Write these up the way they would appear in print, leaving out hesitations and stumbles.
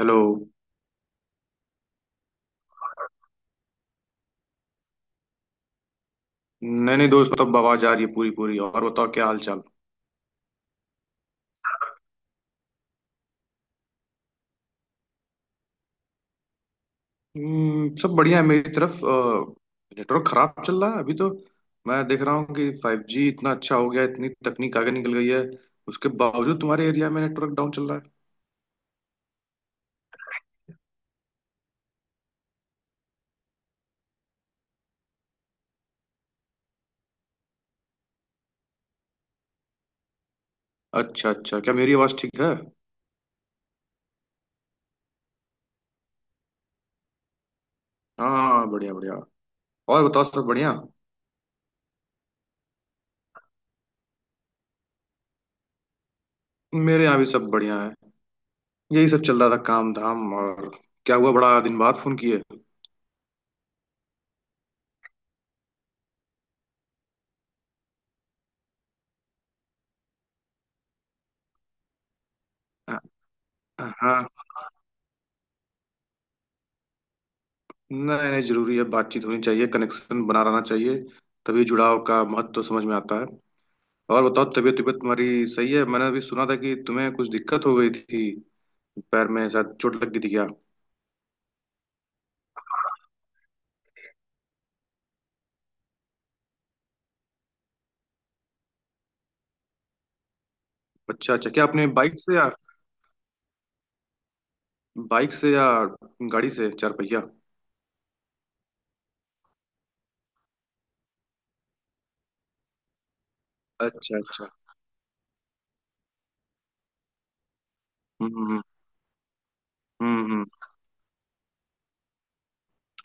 Hello. नहीं नहीं दोस्त, तब आवाज आ रही है पूरी पूरी। और बताओ क्या हाल चाल। सब बढ़िया है मेरी तरफ, नेटवर्क खराब चल रहा है अभी तो। मैं देख रहा हूँ कि फाइव जी इतना अच्छा हो गया है, इतनी तकनीक आगे निकल गई है। उसके बावजूद तुम्हारे एरिया में नेटवर्क डाउन चल रहा है। अच्छा अच्छा, क्या मेरी आवाज ठीक है? हाँ, बढ़िया बढ़िया। और बताओ, सब बढ़िया? मेरे यहाँ भी सब बढ़िया है। यही सब चल रहा था काम धाम। और क्या हुआ, बड़ा दिन बाद फोन किए? हाँ। नहीं नहीं, जरूरी है, बातचीत होनी चाहिए, कनेक्शन बना रहना चाहिए। तभी जुड़ाव का महत्व समझ में आता है। और बताओ, तबीयत तबीयत तुम्हारी सही है? मैंने अभी सुना था कि तुम्हें कुछ दिक्कत हो गई थी, पैर में शायद चोट लग गई थी क्या? अच्छा अच्छा, क्या आपने बाइक से या गाड़ी से, चार पहिया? अच्छा अच्छा। हम्म, हम्म,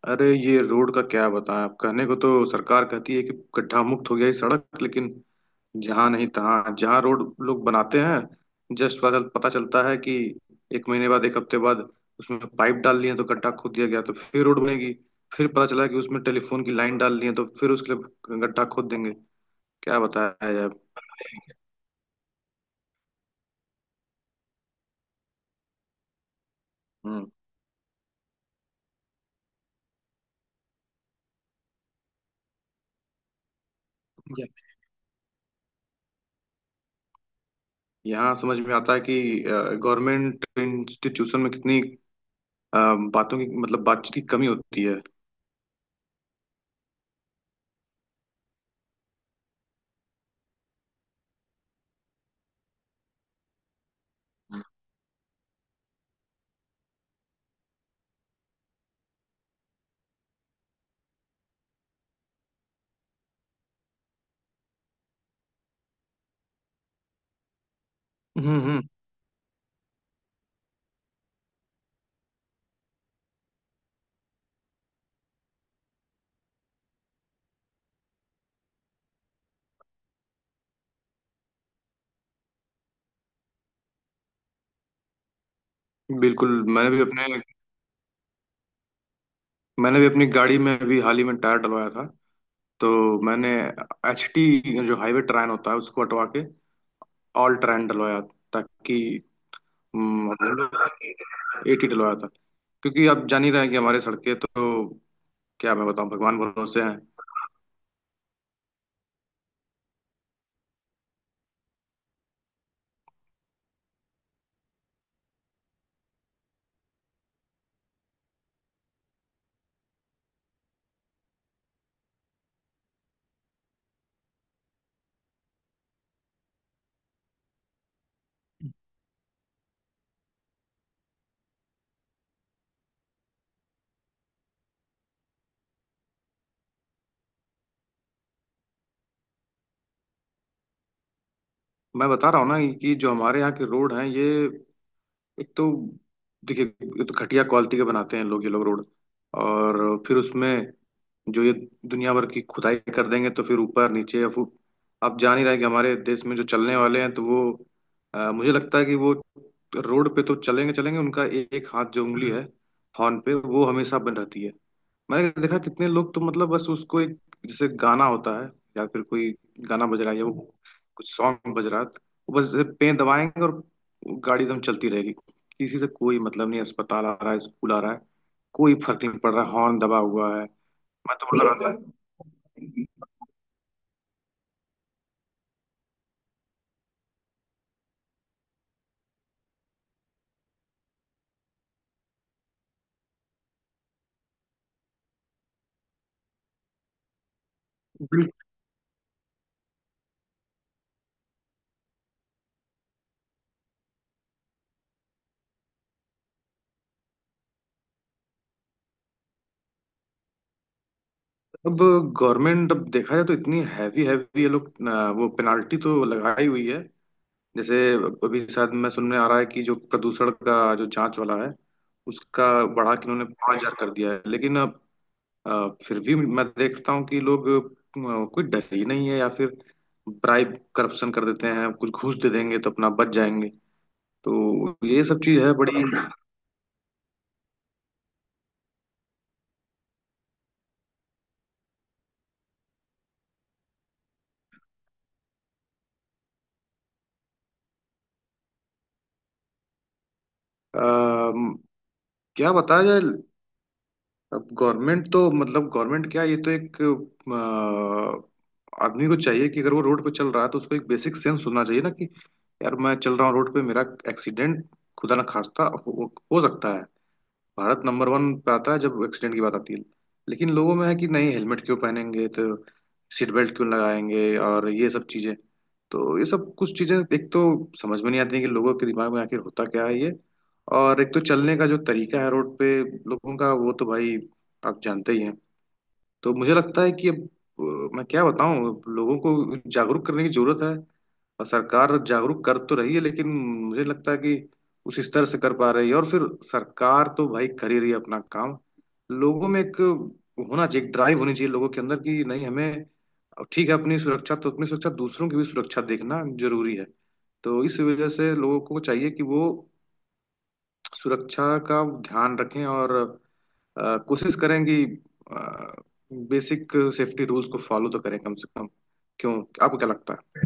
अरे ये रोड का क्या बताएं। आप, कहने को तो सरकार कहती है कि गड्ढा मुक्त हो गया ये सड़क, लेकिन जहाँ नहीं तहाँ, जहाँ रोड लोग बनाते हैं, जस्ट पता पता चलता है कि एक महीने बाद, एक हफ्ते बाद उसमें पाइप डाल लिए तो गड्ढा खोद दिया गया, तो फिर रोड बनेगी। फिर पता चला कि उसमें टेलीफोन की लाइन डाल लिए तो फिर उसके लिए गड्ढा खोद देंगे। क्या बताया जाए। हम्म। या- यहाँ समझ में आता है कि गवर्नमेंट इंस्टीट्यूशन में कितनी, अ, बातों की मतलब बातचीत की कमी होती है। हम्म, हम्म। बिल्कुल। मैंने भी अपनी गाड़ी में अभी हाल ही में टायर डलवाया था। तो मैंने HT, जो हाईवे ट्रेन होता है, उसको हटवा के ऑल ट्रेन डलवाया, ताकि। हम्म, AT डलवाया था, क्योंकि आप जान ही रहे हैं कि हमारे सड़कें तो, क्या मैं बताऊं, भगवान भरोसे हैं। मैं बता रहा हूँ ना कि जो हमारे यहाँ के रोड हैं ये, एक तो देखिए, ये तो घटिया क्वालिटी के बनाते हैं लोग, ये लोग रोड। और फिर उसमें जो ये दुनिया भर की खुदाई कर देंगे तो फिर ऊपर नीचे, या फिर आप जान ही रहे हैं कि हमारे देश में जो चलने वाले हैं तो वो, मुझे लगता है कि वो रोड पे तो चलेंगे चलेंगे। उनका एक हाथ, जो उंगली है, हॉर्न पे वो हमेशा बंद रहती है। मैंने देखा कितने लोग, तो मतलब बस उसको एक, जैसे गाना होता है, या फिर कोई गाना बज रहा है या वो कुछ सॉन्ग बज रहा है, वो बस पे दबाएंगे और गाड़ी एकदम चलती रहेगी। किसी से कोई मतलब नहीं, अस्पताल आ रहा है, स्कूल आ रहा है, कोई फर्क नहीं पड़ रहा, हॉर्न दबा हुआ है। मैं तो बोल रहा था। बिल्कुल। अब गवर्नमेंट, अब देखा जाए तो इतनी हैवी हैवी, ये लोग वो पेनाल्टी तो लगाई हुई है। जैसे अभी शायद मैं सुनने आ रहा है कि जो प्रदूषण का जो जांच वाला है उसका बढ़ा के उन्होंने 5,000 कर दिया है, लेकिन अब फिर भी मैं देखता हूँ कि लोग, कोई डर ही नहीं है, या फिर ब्राइब, करप्शन कर देते हैं, कुछ घूस दे देंगे तो अपना बच जाएंगे। तो ये सब चीज है बड़ी। अ, क्या बताया जाए। अब गवर्नमेंट तो, मतलब गवर्नमेंट क्या, ये तो एक, आदमी को चाहिए कि अगर वो रोड पे चल रहा है तो उसको एक बेसिक सेंस होना चाहिए, ना कि, यार मैं चल रहा हूँ रोड पे, मेरा एक्सीडेंट खुदा ना खास्ता हो सकता है। भारत नंबर वन पे आता है जब एक्सीडेंट की बात आती है। लेकिन लोगों में है कि नहीं, हेलमेट क्यों पहनेंगे, तो सीट बेल्ट क्यों लगाएंगे, और ये सब चीजें। तो ये सब कुछ चीजें, एक तो समझ में नहीं आती कि लोगों के दिमाग में आखिर होता क्या है ये। और एक तो चलने का जो तरीका है रोड पे लोगों का, वो तो भाई आप जानते ही हैं। तो मुझे लगता है कि अब मैं क्या बताऊं, लोगों को जागरूक करने की जरूरत है। और सरकार जागरूक कर तो रही है, लेकिन मुझे लगता है कि उस स्तर से कर पा रही है। और फिर सरकार तो भाई कर ही रही है अपना काम। लोगों में एक होना चाहिए, एक ड्राइव होनी चाहिए लोगों के अंदर कि नहीं, हमें, अब ठीक है, अपनी सुरक्षा तो अपनी सुरक्षा, दूसरों की भी सुरक्षा देखना जरूरी है। तो इस वजह से लोगों को चाहिए कि वो सुरक्षा का ध्यान रखें, और कोशिश करें कि बेसिक सेफ्टी रूल्स को फॉलो तो करें कम से कम। क्यों? आपको क्या लगता है?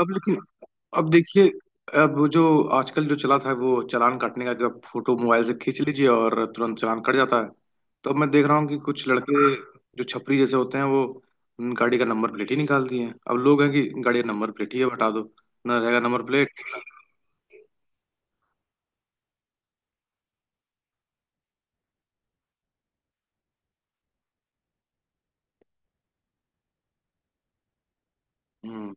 अब लेकिन, अब देखिए, अब वो जो आजकल जो चला था वो चालान काटने का, कि आप फोटो मोबाइल से खींच लीजिए और तुरंत चालान कट जाता है। तो अब मैं देख रहा हूँ कि कुछ लड़के, जो छपरी जैसे होते हैं, वो उन गाड़ी का नंबर प्लेट ही निकाल दिए हैं। अब लोग हैं कि गाड़ी का नंबर प्लेट ही है, हटा दो, ना रहेगा नंबर प्लेट। हम्म।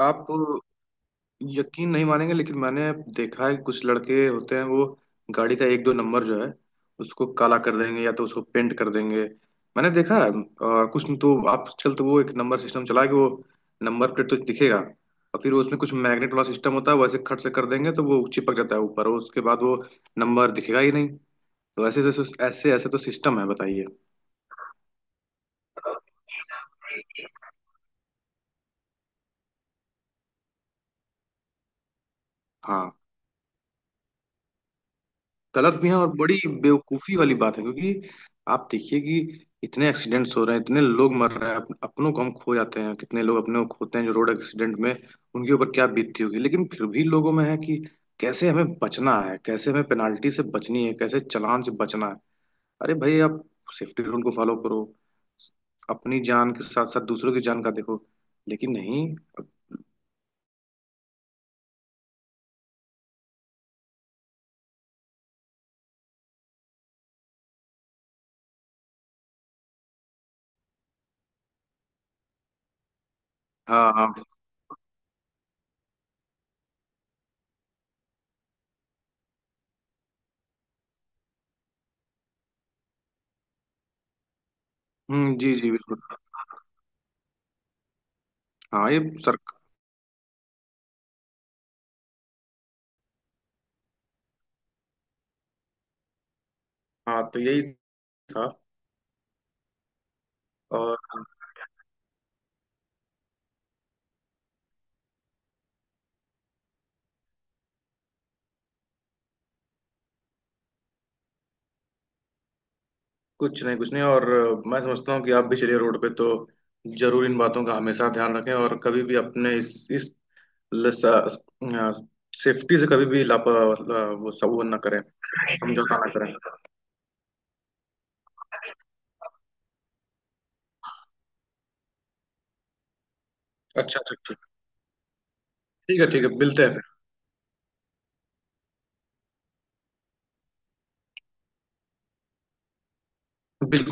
आप यकीन नहीं मानेंगे, लेकिन मैंने देखा है कि कुछ लड़के होते हैं वो गाड़ी का एक दो नंबर जो है, उसको काला कर देंगे, या तो उसको पेंट कर देंगे। मैंने देखा है। और कुछ तो आजकल तो वो एक नंबर सिस्टम चला है कि वो नंबर प्लेट तो दिखेगा, और फिर उसमें कुछ मैग्नेट वाला सिस्टम होता है, वैसे खट से कर देंगे तो वो चिपक जाता है ऊपर, और उसके बाद वो नंबर दिखेगा ही नहीं। तो ऐसे ऐसे तो सिस्टम है, बताइए। हाँ। गलत भी है, और बड़ी बेवकूफी वाली बात है, क्योंकि आप देखिए कि इतने एक्सीडेंट्स हो रहे हैं, इतने लोग मर रहे हैं, अपनों को हम खो जाते हैं। कितने लोग अपने को खोते हैं जो रोड एक्सीडेंट में, उनके ऊपर क्या बीतती होगी। लेकिन फिर भी लोगों में है कि कैसे हमें बचना है, कैसे हमें पेनाल्टी से बचनी है, कैसे चालान से बचना है। अरे भाई, आप सेफ्टी रूल को फॉलो करो। अपनी जान के साथ साथ दूसरों की जान का देखो। लेकिन नहीं। हाँ, हाँ। जी जी, बिल्कुल। हाँ, ये, सर। हाँ, तो यही था। और कुछ नहीं, कुछ नहीं। और मैं समझता हूँ कि आप भी चलिए रोड पे, तो जरूर इन बातों का हमेशा ध्यान रखें। और कभी भी अपने इस सेफ्टी से कभी भी, वो सब, वो ना करें। समझौता ना करें। अच्छा अच्छा, ठीक। ठीक है, ठीक है, मिलते हैं फिर। बिल्कुल।